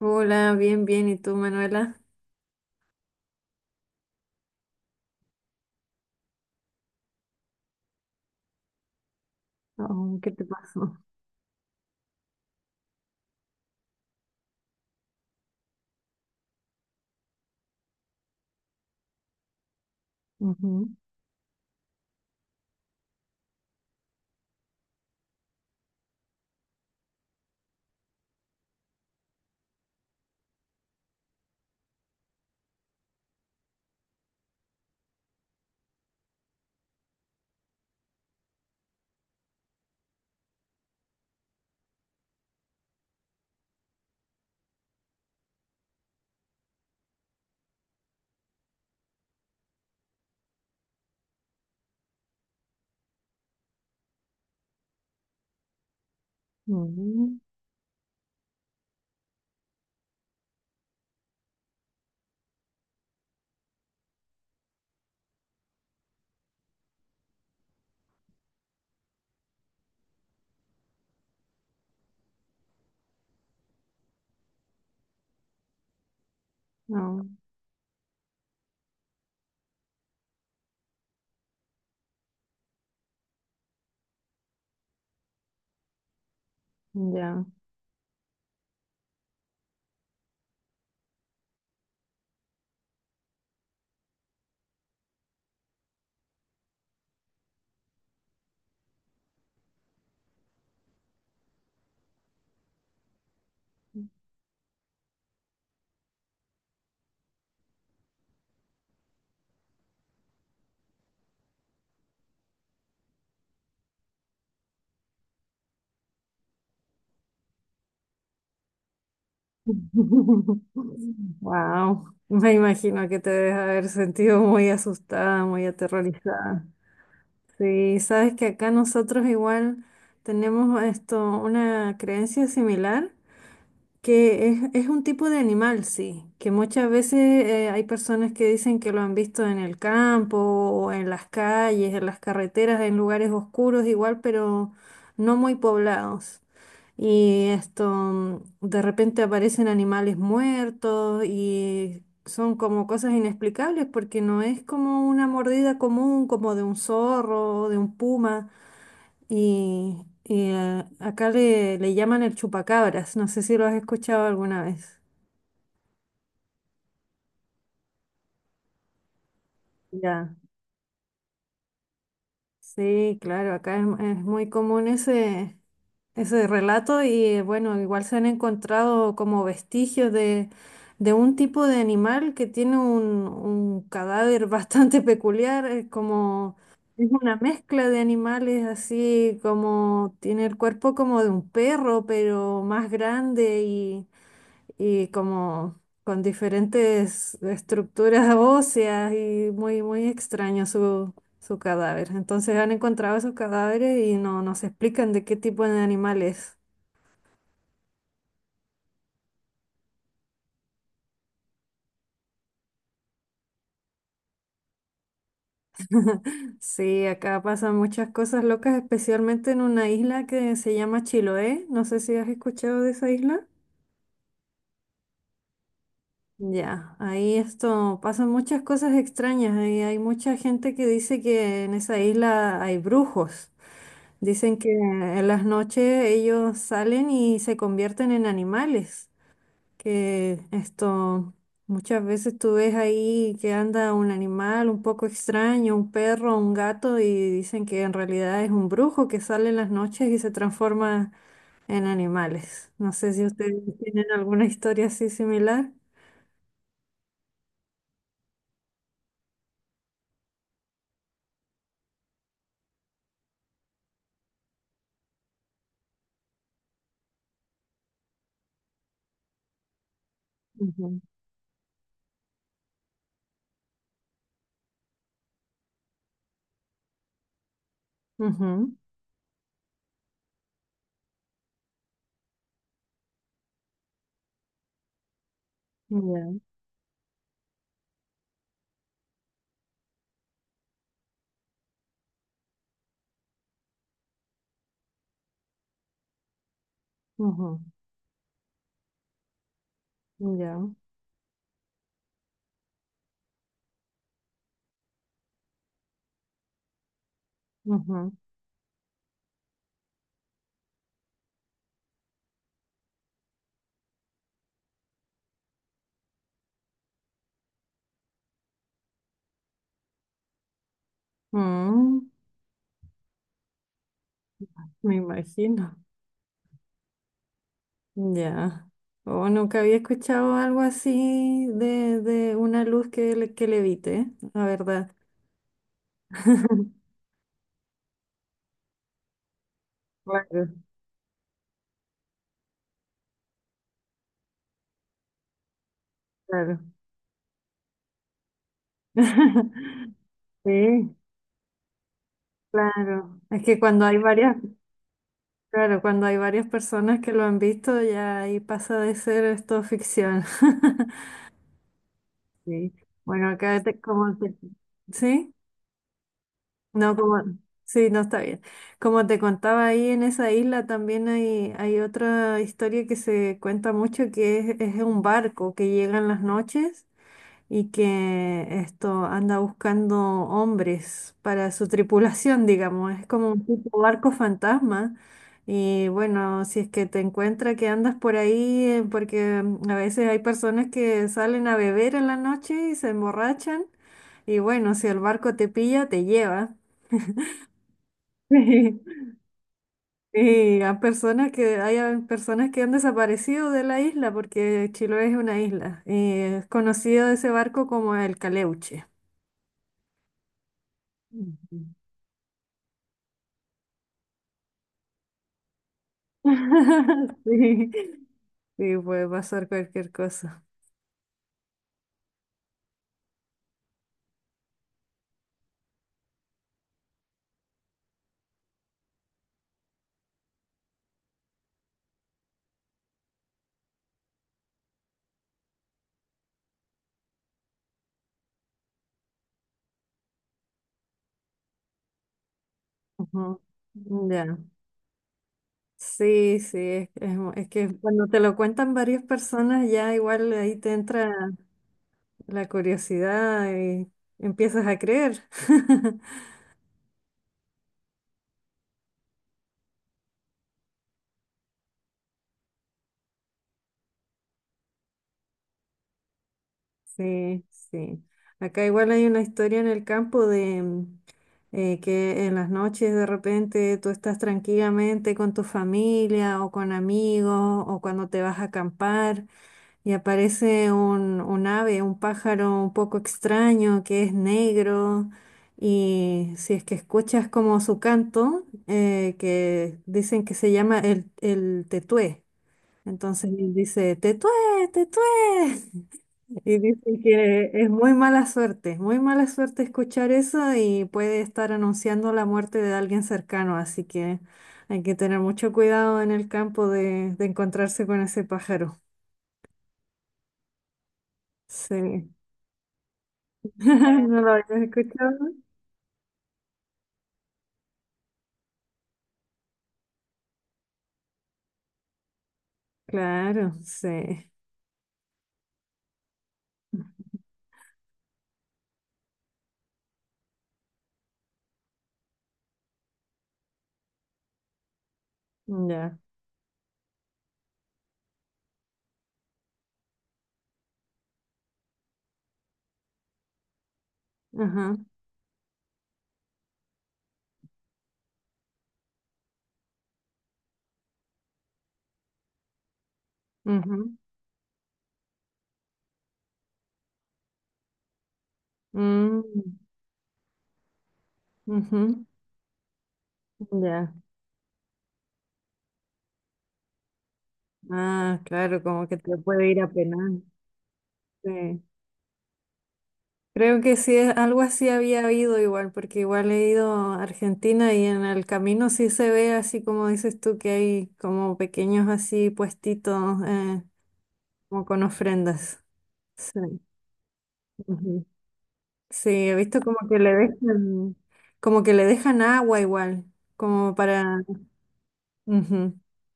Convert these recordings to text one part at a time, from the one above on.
Hola, bien, bien. ¿Y tú, Manuela? Oh, ¿qué te pasó? Ujú. Ujú. Oh. Ya. Wow. Me imagino que te debes haber sentido muy asustada, muy aterrorizada. Sí, sabes que acá nosotros igual tenemos esto, una creencia similar. Que es un tipo de animal, sí, que muchas veces hay personas que dicen que lo han visto en el campo o en las calles, en las carreteras, en lugares oscuros igual, pero no muy poblados. Y esto, de repente aparecen animales muertos y son como cosas inexplicables porque no es como una mordida común, como de un zorro o de un puma. Y, y acá le llaman el chupacabras, no sé si lo has escuchado alguna vez. Ya. Sí, claro, acá es muy común ese relato y bueno, igual se han encontrado como vestigios de un tipo de animal que tiene un cadáver bastante peculiar, es como es una mezcla de animales, así como tiene el cuerpo como de un perro, pero más grande y como con diferentes estructuras óseas y muy, muy extraño su cadáver. Entonces han encontrado esos cadáveres y no nos explican de qué tipo de animal es. Sí, acá pasan muchas cosas locas, especialmente en una isla que se llama Chiloé. No sé si has escuchado de esa isla. Ya, ahí esto pasan muchas cosas extrañas. Ahí hay mucha gente que dice que en esa isla hay brujos. Dicen que en las noches ellos salen y se convierten en animales, que esto muchas veces tú ves ahí que anda un animal un poco extraño, un perro, un gato, y dicen que en realidad es un brujo que sale en las noches y se transforma en animales. No sé si ustedes tienen alguna historia así similar. Ujú. Ujú. Ya. Ujú. Ya. Ujú. Mm, me imagino. Ya. O nunca había escuchado algo así de una luz que levite, la verdad. Claro, claro. Sí, claro. Es que claro, cuando hay varias personas que lo han visto, ya ahí pasa de ser esto ficción. Sí. Bueno, acá te, como te- ¿Sí? No, como, sí, no está bien. Como te contaba, ahí en esa isla también hay otra historia que se cuenta mucho, que es un barco que llega en las noches y que esto anda buscando hombres para su tripulación, digamos. Es como un tipo barco fantasma. Y bueno, si es que te encuentra que andas por ahí, porque a veces hay personas que salen a beber en la noche y se emborrachan. Y bueno, si el barco te pilla, te lleva. Sí. Y a personas que hayan personas que han desaparecido de la isla, porque Chiloé es una isla, y es conocido ese barco como el Caleuche. Ujú. Sí, sí, puede pasar cualquier cosa. Ujú. Ya. Sí, sí, es que cuando te lo cuentan varias personas ya igual ahí te entra la curiosidad y empiezas a creer. Sí, sí. Acá igual hay una historia en el campo de que en las noches de repente tú estás tranquilamente con tu familia o con amigos o cuando te vas a acampar y aparece un ave, un pájaro un poco extraño que es negro, y si es que escuchas como su canto, que dicen que se llama el tetué. Entonces él dice, tetué, tetué. Y dicen que es muy mala suerte, es muy mala suerte escuchar eso, y puede estar anunciando la muerte de alguien cercano, así que hay que tener mucho cuidado en el campo de encontrarse con ese pájaro. Sí. ¿No lo habías escuchado? Claro, sí. Ya. Ajá. Ujú. Mm. Ujú. Ya. Ah, claro, como que te puede ir a penal. Sí. Creo que sí, algo así había habido igual, porque igual he ido a Argentina y en el camino sí se ve, así como dices tú, que hay como pequeños así puestitos, como con ofrendas. Sí. Ujú. Sí, he visto como que le dejan, como que le dejan agua igual, como para... Ujú.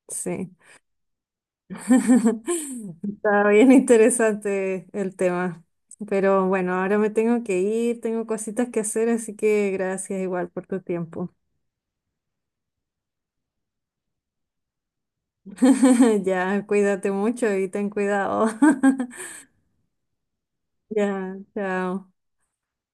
Sí. Está bien interesante el tema. Pero bueno, ahora me tengo que ir, tengo cositas que hacer, así que gracias igual por tu tiempo. Ya, cuídate mucho y ten cuidado. Ya, chao.